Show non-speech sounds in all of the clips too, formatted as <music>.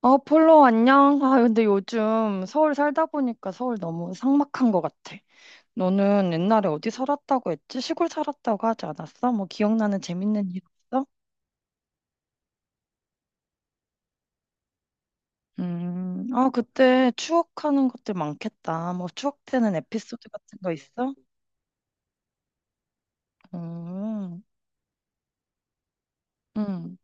어, 폴로, 안녕. 아, 근데 요즘 서울 살다 보니까 서울 너무 삭막한 것 같아. 너는 옛날에 어디 살았다고 했지? 시골 살았다고 하지 않았어? 뭐 기억나는 재밌는 일 없어? 아, 그때 추억하는 것들 많겠다. 뭐 추억되는 에피소드 같은 거 있어? 음, 음.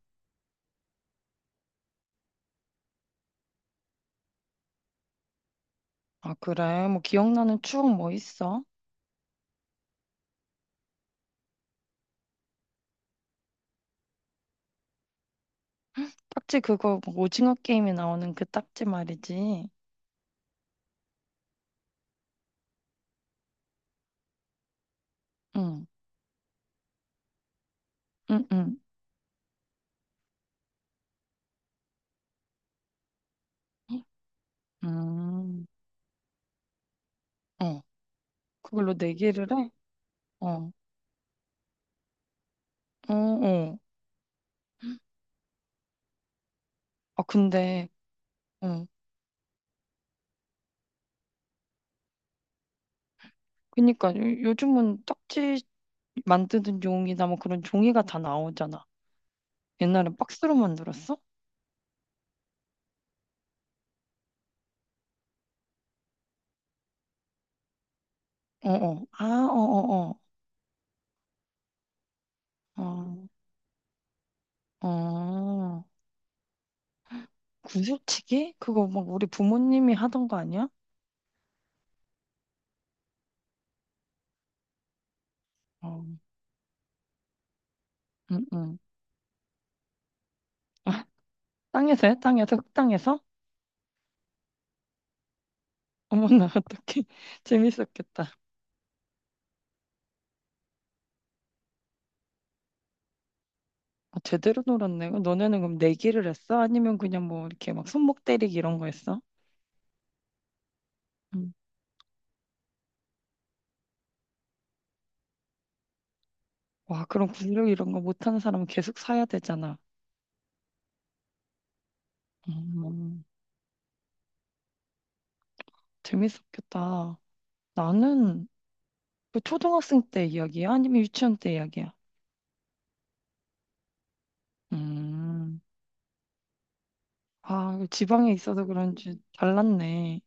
아, 그래. 뭐 기억나는 추억 뭐 있어? 딱지 그거 뭐 오징어 게임에 나오는 그 딱지 말이지. 응, 응, 응. 음, 어, 그걸로 내기를 해? 어. 어, 어. 아, 근데, 어. 그니까, 요즘은 딱지 만드는 용이나 뭐 그런 종이가 다 나오잖아. 옛날엔 박스로 만들었어? 어, 어. 아, 어, 어, 어. 어, 어. 구슬치기? 그거 막 우리 부모님이 하던 거 아니야? 어, 응, 응. <laughs> 아, 땅에서 해? 땅에서? 흙땅에서? 어머나, <laughs> 어떡해. 재밌었겠다. 아, 제대로 놀았네. 너네는 그럼 내기를 했어? 아니면 그냥 뭐 이렇게 막 손목 때리기 이런 거 했어? 응. 와, 그럼 구력 이런 거 못하는 사람은 계속 사야 되잖아. 음, 재밌었겠다. 나는 그 초등학생 때 이야기야? 아니면 유치원 때 이야기야? 음, 아, 그 지방에 있어서 그런지 달랐네.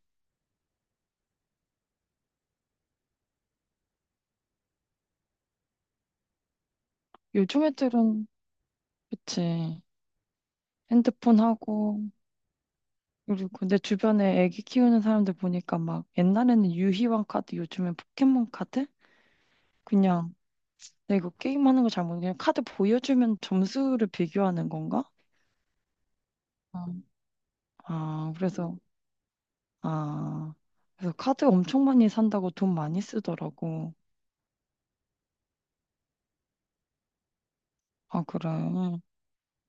요즘 애들은, 그치. 핸드폰 하고, 그리고 내 주변에 애기 키우는 사람들 보니까 막 옛날에는 유희왕 카드, 요즘엔 포켓몬 카드? 그냥 내가 이거 게임하는 거 잘 모르겠는데 그냥 카드 보여주면 점수를 비교하는 건가? 음. 아, 그래서 아, 그래서 카드 엄청 많이 산다고 돈 많이 쓰더라고. 아, 그래.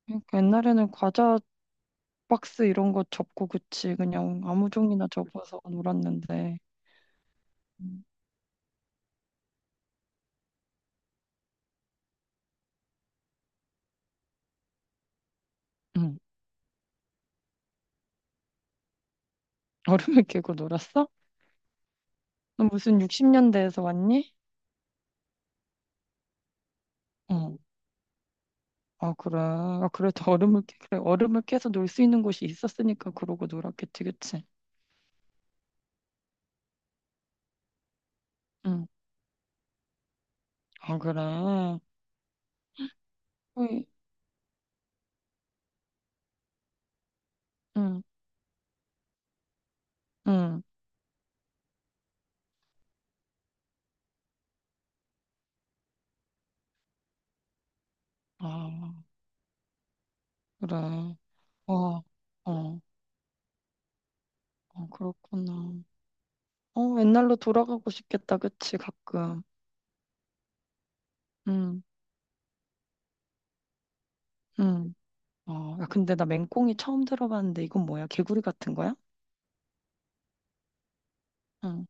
그러니까 옛날에는 과자 박스 이런 거 접고 그치. 그냥 아무 종이나 접어서 놀았는데. 음. 응. 얼음을 깨고 놀았어? 너 무슨 60년대에서 왔니? 응. 아, 그래. 아, 그래도 얼음을 깨, 그래. 얼음을 깨서 놀 수 있는 곳이 있었으니까 그러고 놀았겠지, 그치? 응. 아, 그래. 어이, 응, 응. 아, 그래. 와, 어, 어, 그렇구나. 어, 옛날로 돌아가고 싶겠다, 그치, 가끔. 응, 응. 어, 야, 근데 나 맹꽁이 처음 들어봤는데 이건 뭐야? 개구리 같은 거야? 응,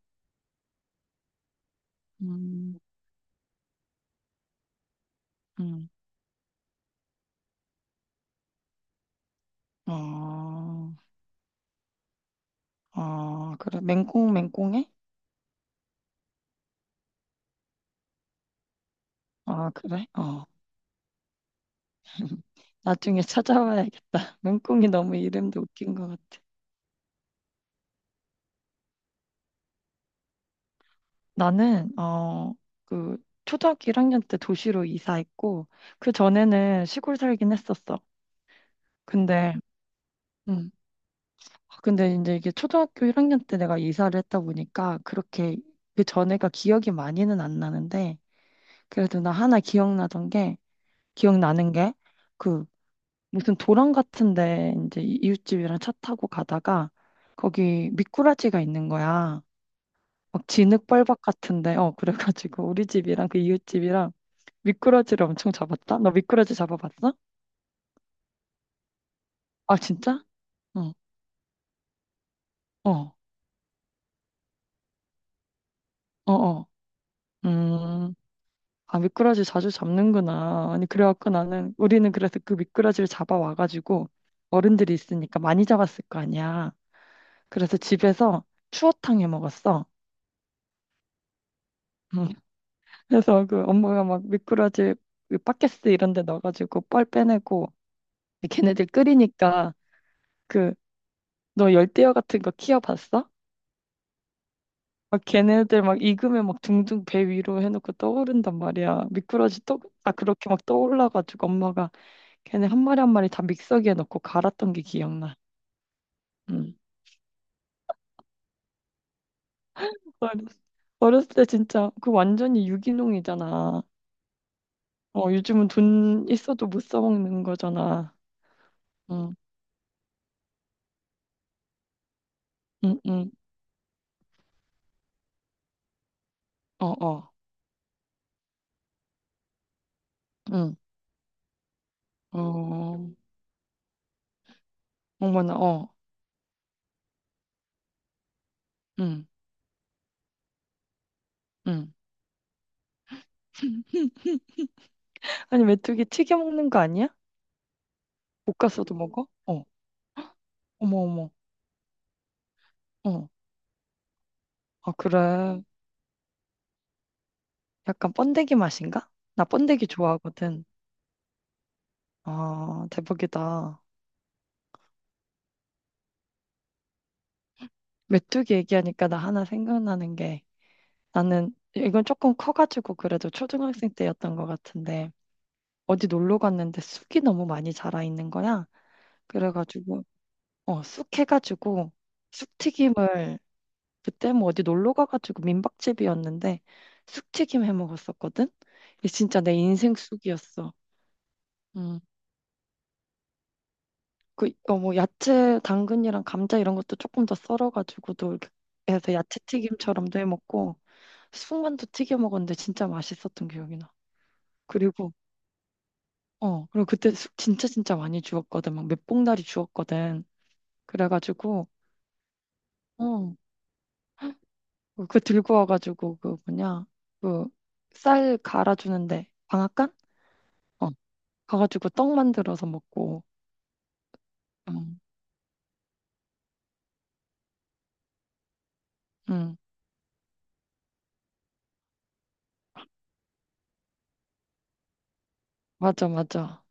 음, 응. 아, 아, 그래. 맹꽁, 맹꽁해? 아, 그래? 어. <laughs> 나중에 찾아봐야겠다. <laughs> 맹꽁이 너무 이름도 웃긴 것 같아. 나는, 그, 초등학교 1학년 때 도시로 이사했고, 그 전에는 시골 살긴 했었어. 근데, 응. 아, 근데 이제 이게 초등학교 1학년 때 내가 이사를 했다 보니까 그렇게 그 전에가 기억이 많이는 안 나는데 그래도 나 하나 기억나던 게 기억나는 게 그 무슨 도랑 같은데 이제 이웃집이랑 차 타고 가다가 거기 미꾸라지가 있는 거야. 막 진흙벌박 같은데 그래가지고 <laughs> 우리 집이랑 그 이웃집이랑 미꾸라지를 엄청 잡았다. 너 미꾸라지 잡아봤어? 아 진짜? 어 어, 어, 어. 음. 아, 미꾸라지 자주 잡는구나. 아니, 그래갖고 우리는 그래서 그 미꾸라지를 잡아와가지고, 어른들이 있으니까 많이 잡았을 거 아니야. 그래서 집에서 추어탕 해 먹었어. 음. 그래서 그 엄마가 막 미꾸라지 그 팟캐스 이런 데 넣어가지고 뻘 빼내고, 걔네들 끓이니까, 그, 너 열대어 같은 거 키워봤어? 막 걔네들 막 익으면 막 둥둥 배 위로 해놓고 떠오른단 말이야. 아, 그렇게 막 떠올라가지고 엄마가 걔네 한 마리 한 마리 다 믹서기에 넣고 갈았던 게 기억나. 응. 어렸- 어렸을 때 진짜 그 완전히 유기농이잖아. 어, 요즘은 돈 있어도 못 사 먹는 거잖아. 응, 응, 응, 어, 어, 응, 어, 어머나, 어, 응, 응. 아니 메뚜기 튀겨 먹는 거 아니야? 볶아서도 먹어? 어, 어머, 어머, 어, 아 그래. 약간 번데기 맛인가? 나 번데기 좋아하거든. 아 대박이다. 메뚜기 얘기하니까 나 하나 생각나는 게. 나는 이건 조금 커가지고 그래도 초등학생 때였던 것 같은데 어디 놀러 갔는데 쑥이 너무 많이 자라 있는 거야. 그래가지고 쑥 해가지고 쑥튀김을 그때 뭐 어디 놀러 가가지고 민박집이었는데 쑥튀김 해 먹었었거든. 이게 진짜 내 인생 쑥이었어. 음. 뭐 야채 당근이랑 감자 이런 것도 조금 더 썰어가지고도 이렇게 해서 야채 튀김처럼도 해 먹고 쑥만두 튀겨 먹었는데 진짜 맛있었던 기억이 나. 그리고 그때 숙 진짜 진짜 많이 주웠거든. 막 몇 봉다리 주웠거든. 그래가지고, 어, 그 들고 와가지고, 그 쌀 갈아주는데, 방앗간? 어, 가가지고 떡 만들어서 먹고, 응, 응, 맞아, 맞아,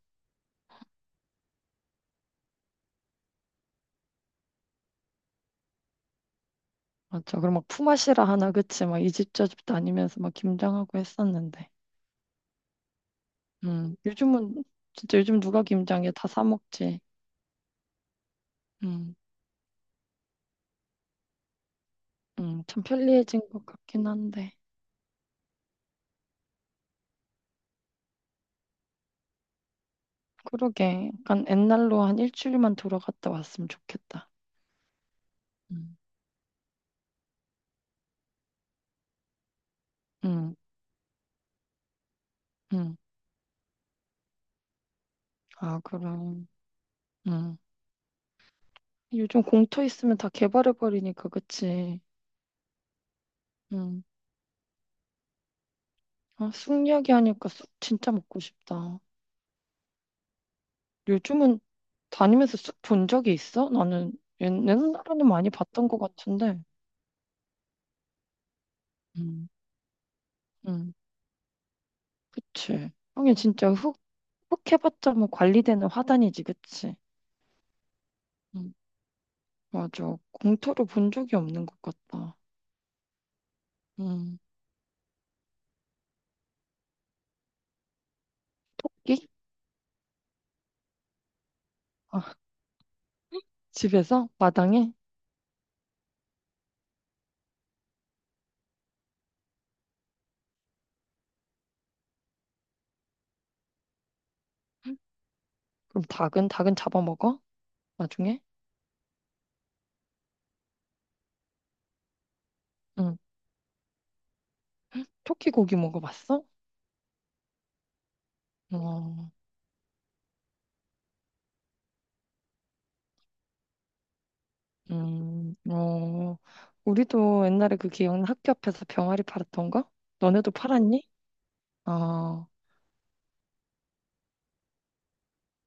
맞아. 그럼 막 품앗이라 하나, 그치? 막 이 집저집 다니면서 막 김장하고 했었는데, 응, 진짜 요즘 누가 김장해? 다 사 먹지. 응, 응, 참 편리해진 것 같긴 한데. 그러게. 약간 옛날로 한 일주일만 돌아갔다 왔으면 좋겠다. 음. 응, 응. 아, 그럼. 응. 요즘 공터 있으면 다 개발해버리니까, 그치? 응. 아, 쑥 이야기하니까 쑥 진짜 먹고 싶다. 요즘은 다니면서 쑥 본 적이 있어? 나는 옛날에는 많이 봤던 것 같은데. 응, 응. 그치. 형이 진짜 흙 해봤자 뭐 관리되는 화단이지, 그치? 응, 맞아. 공터를 본 적이 없는 것 같다. 응. 토끼? 아, 집에서 마당에? 응, 그럼 닭은 잡아먹어? 나중에? 응. 토끼 고기 먹어봤어? 어, 음, 어, 우리도 옛날에 그 기억나 학교 앞에서 병아리 팔았던 거? 너네도 팔았니? 어,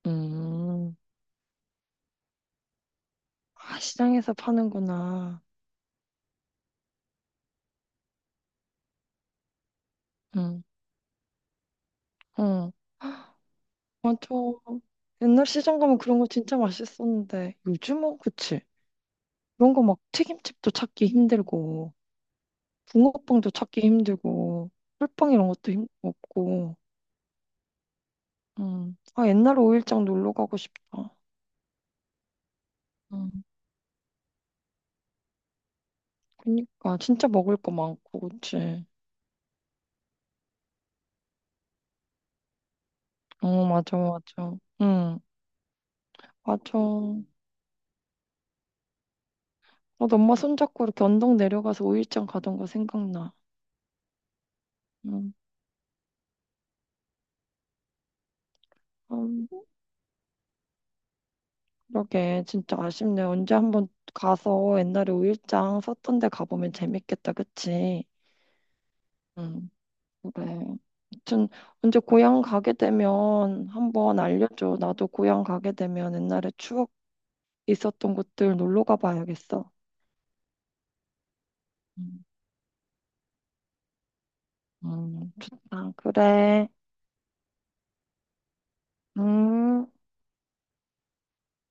음, 아, 시장에서 파는구나. 응, 응, 맞아. 옛날 시장 가면 그런 거 진짜 맛있었는데 요즘은 그치? 그런 거 막 튀김집도 찾기 힘들고 붕어빵도 찾기 힘들고 꿀빵 이런 것도 힘 없고 아, 옛날에 일장 놀러 가고 싶다. 음. 그니까, 진짜 먹을 거 많고, 그치? 어, 맞아, 맞아. 응, 맞아. 나도 엄마 손잡고 이렇게 언덕 내려가서 오일장 가던 거 생각나. 응, 음, 그러게. 진짜 아쉽네. 언제 한번 가서 옛날에 오일장 썼던 데 가보면 재밌겠다, 그치? 응, 그래. 아무튼, 언제 고향 가게 되면 한번 알려줘. 나도 고향 가게 되면 옛날에 추억 있었던 곳들 놀러 가봐야겠어. 음, 좋다. 그래. 음.